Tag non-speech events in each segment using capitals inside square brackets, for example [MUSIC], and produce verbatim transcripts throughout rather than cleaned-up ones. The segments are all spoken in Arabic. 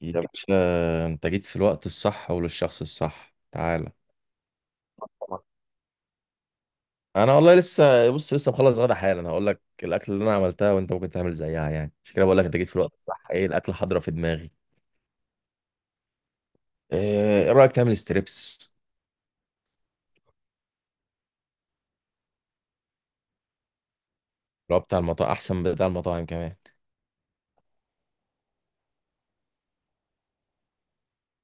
يا يا باشا باشا، انت جيت في الوقت الصح وللشخص الصح. تعالى. انا والله لسه، بص، لسه مخلص غدا حالا. هقول لك الاكل اللي انا عملتها وانت ممكن تعمل زيها، يعني عشان كده بقول لك انت جيت في الوقت الصح. ايه الاكل حاضره في دماغي. آه، ايه رايك تعمل ستريبس؟ اللي هو بتاع المطاعم احسن من بتاع المطاعم كمان.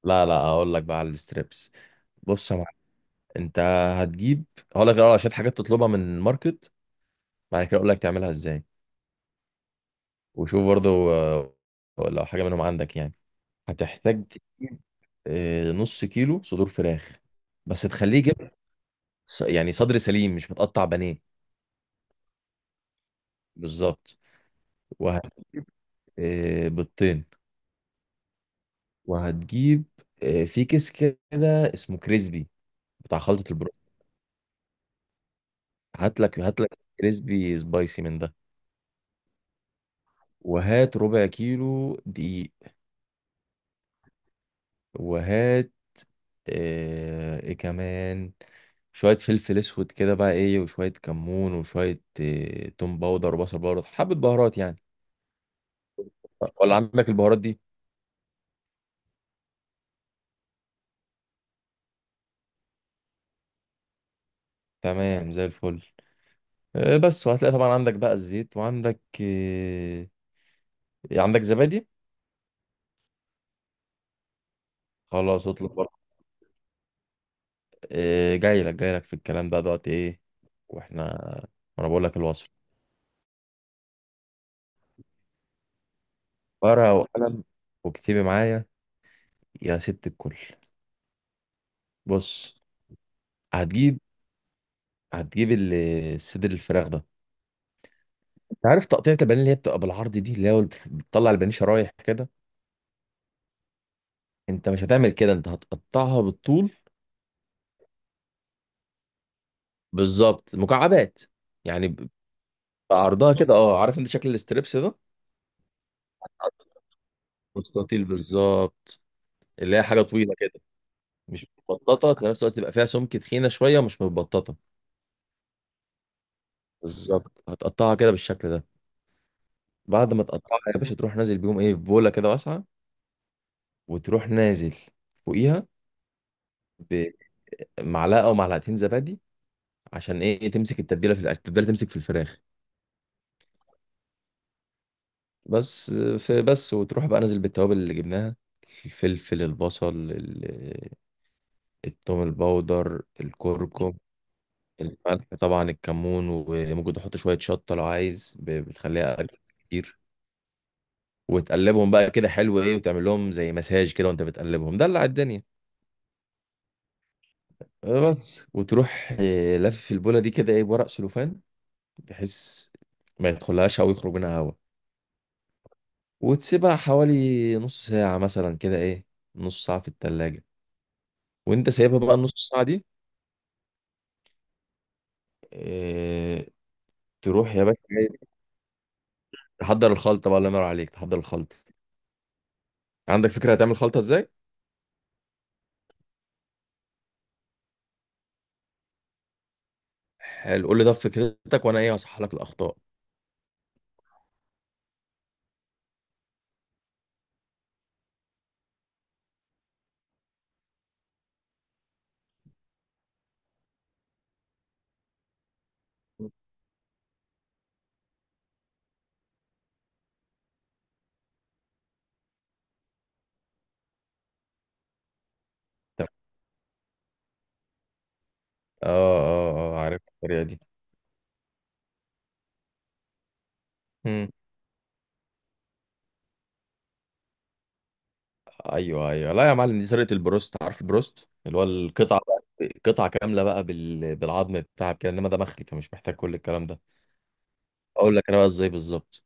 لا لا، هقول لك بقى على الستريبس. بص يا معلم، انت هتجيب. هقول لك الاول على شويه حاجات تطلبها من الماركت، بعد كده اقول لك تعملها ازاي. وشوف برضو اه، لو حاجه منهم عندك، يعني. هتحتاج تجيب آه، نص كيلو صدور فراخ، بس تخليه يجيب ص- يعني صدر سليم مش متقطع بانيه. بالظبط. وهت... آه، بيضتين. وهتجيب آه، في كيس كده اسمه كريسبي بتاع خلطة البروست. هات لك هات لك كريسبي سبايسي من ده. وهات ربع كيلو دقيق. وهات آه، ايه كمان، شوية فلفل اسود كده بقى، ايه، وشوية كمون وشوية آه، توم باودر وبصل باودر، حبة بهارات يعني. ولا عندك البهارات دي؟ تمام زي الفل. آه، بس. وهتلاقي طبعا عندك بقى الزيت، وعندك آه، عندك زبادي. خلاص اطلب برضه. آه، جاي لك جاي لك في الكلام بقى دلوقتي، ايه، واحنا. وانا بقول لك الوصف، ورقه وقلم، واكتبي معايا يا ست الكل. بص، هتجيب. هتجيب ال- الصدر الفراخ ده. انت عارف تقطيعة البانيه اللي هي بتبقى بالعرض دي، اللي هي بتطلع البانيه شرايح كده؟ انت مش هتعمل كده، انت هتقطعها بالطول. بالظبط، مكعبات، يعني عرضها كده. اه، عارف انت شكل الاستريبس ده؟ مستطيل بالظبط. اللي هي حاجه طويله كده، مش متبططه. في نفس الوقت تبقى فيها سمك، تخينه شويه، مش متبططه. بالظبط، هتقطعها كده بالشكل ده. بعد ما تقطعها يا باشا، تروح نازل بيهم، ايه، في بوله كده واسعه. وتروح نازل فوقيها بمعلقه او معلقتين زبادي، عشان ايه؟ تمسك التتبيله في الأكل- التتبيله تمسك في الفراخ بس. في بس، وتروح بقى نازل بالتوابل اللي جبناها، الفلفل البصل ال- التوم البودر الكركم. الملح طبعا، الكمون، وممكن تحط شوية شطة لو عايز، ب- بتخليها أجمل كتير. وتقلبهم بقى كده حلو، إيه، وتعمل لهم زي مساج كده وأنت بتقلبهم، دلع الدنيا. بس. وتروح آه، لف البولة دي كده، إيه، بورق سلوفان، بحيث ما يدخلهاش هوا ويخرج منها هوا. وتسيبها حوالي نص ساعة مثلا، كده إيه، نص ساعة في التلاجة. وأنت سايبها بقى النص ساعة دي، آه، تروح يا باشا، إيه، تحضر الخلطة بقى، الله ينور عليك، تحضر الخلطة. عندك فكرة هتعمل خلطة إزاي؟ حلو، قول لي ده فكرتك وانا ايه هصحح لك الاخطاء. تمام. اه، اه، اه، عارف الطريقه دي. امم ايوه ايوه، لا يا معلم، دي طريقه البروست. عارف البروست اللي هو القطعه بقى، قطعه كامله بقى بال... بالعظم بتاعك كده؟ انما ده مخلي، فمش محتاج كل الكلام ده. اقول لك انا بقى ازاي بالظبط.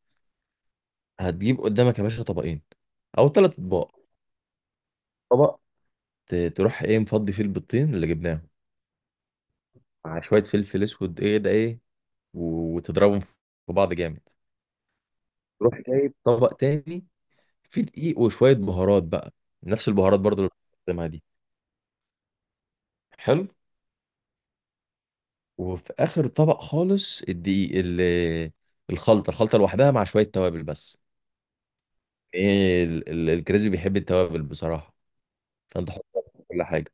هتجيب قدامك يا باشا طبقين او ثلاث اطباق. طبق ت... تروح ايه مفضي، فيه البيضتين اللي جبناهم مع شويه فلفل اسود، ايه ده ايه، و... وتضربهم في بعض جامد. تروح جايب طبق تاني في دقيق وشوية بهارات بقى، نفس البهارات برضو اللي بنستخدمها دي. حلو. وفي آخر طبق خالص الدقيق، ال- الخلطة، الخلطة لوحدها مع شوية توابل بس. ايه، ال- ال- الكريسبي بيحب التوابل بصراحة. فانت حط كل حاجة،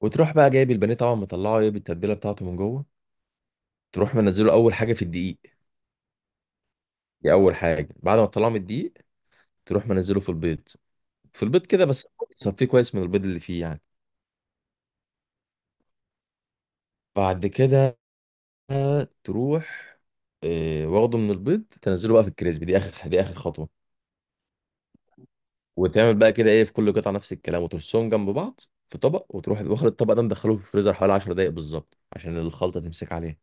وتروح بقى جايب البانيه طبعا، مطلعه، ايه، بالتتبيلة بتاعته من جوه، تروح منزله أول حاجة في الدقيق. دي أول حاجة. بعد ما تطلعه من الدقيق تروح منزله في البيض، في البيض كده بس، تصفيه كويس من البيض اللي فيه يعني. بعد كده تروح، إيه، واخده من البيض، تنزله بقى في الكريسبي. دي اخر دي اخر خطوه. وتعمل بقى كده، ايه، في كل قطعه نفس الكلام، وترصهم جنب بعض في طبق. وتروح واخد الطبق ده، مدخله في الفريزر حوالي 10 دقائق بالظبط عشان الخلطه تمسك عليها.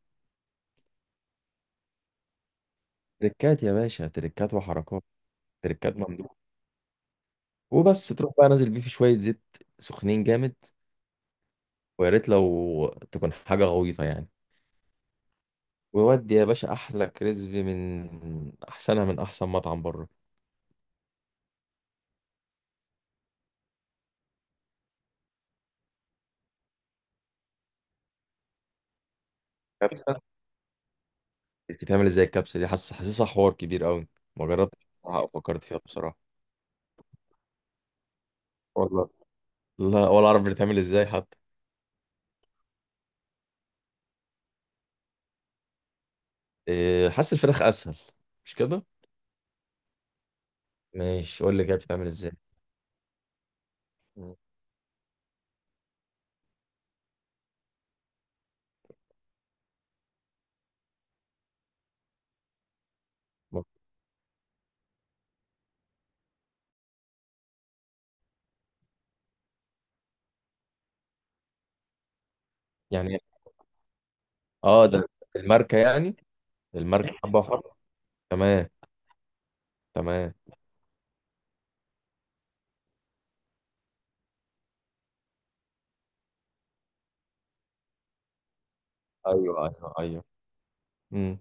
تركات يا باشا، تركات وحركات، تركات ممدوح. وبس، تروح بقى نازل بيه في شويه زيت سخنين جامد، ويا ريت لو تكون حاجه غويطه يعني. ويودي يا باشا احلى كريسبي، من احسنها، من احسن مطعم بره. كبسه؟ بتتعمل ازاي الكبسه دي؟ حاسس حاسسها حوار كبير قوي. ما جربتش بصراحة، او فكرت فيها بصراحه. والله لا، ولا اعرف بتتعمل ازاي حتى. إيه، حاسس الفراخ اسهل، مش كده؟ ماشي، قول لي كده، بتتعمل ازاي؟ مم. يعني اه، ده [LAUGHS] الماركه يعني، الماركه حبه وحبه. تمام. تمام. ايوه ايوه ايوه. امم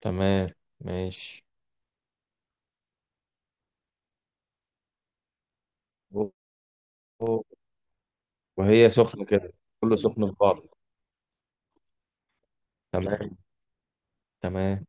تمام. ماشي. أوه. وهي سخنه كده، كله سخن في بعض. تمام. تمام.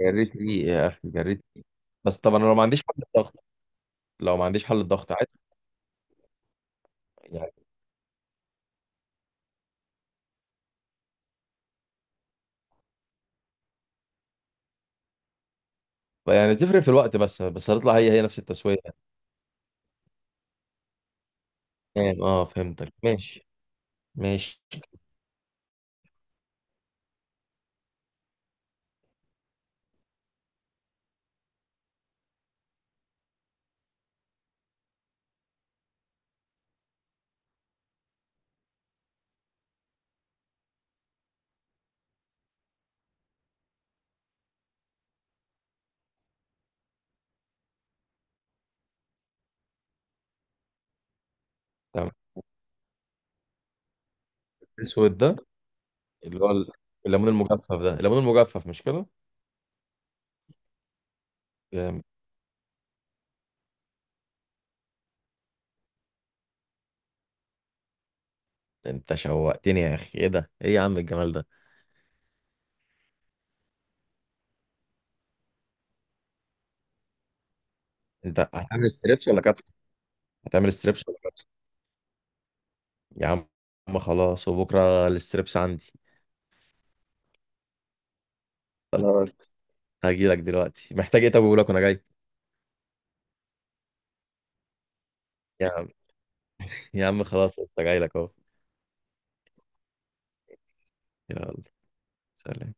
جريت ريقي يا اخي، جريت ريقي. بس طبعا انا لو ما عنديش حل الضغط، لو ما عنديش حل الضغط عادي، يعني. يعني تفرق في الوقت بس، بس هتطلع هي هي نفس التسويه. تمام، اه، فهمتك. ماشي. ماشي. تمام. الاسود ده اللي هو ال- الليمون المجفف ده، الليمون المجفف، مش كده؟ جامد. انت شوقتني يا اخي، ايه ده، ايه يا عم الجمال ده. انت هتعمل ستريبس ولا كابس؟ هتعمل ستريبس ولا كابس؟ يا عم خلاص، وبكره الستريبس عندي. خلاص، هجي لك دلوقتي، محتاج ايه؟ طب اقول لك وانا جاي. يا عم، يا عم خلاص، انت جاي لك اهو. يلا، سلام.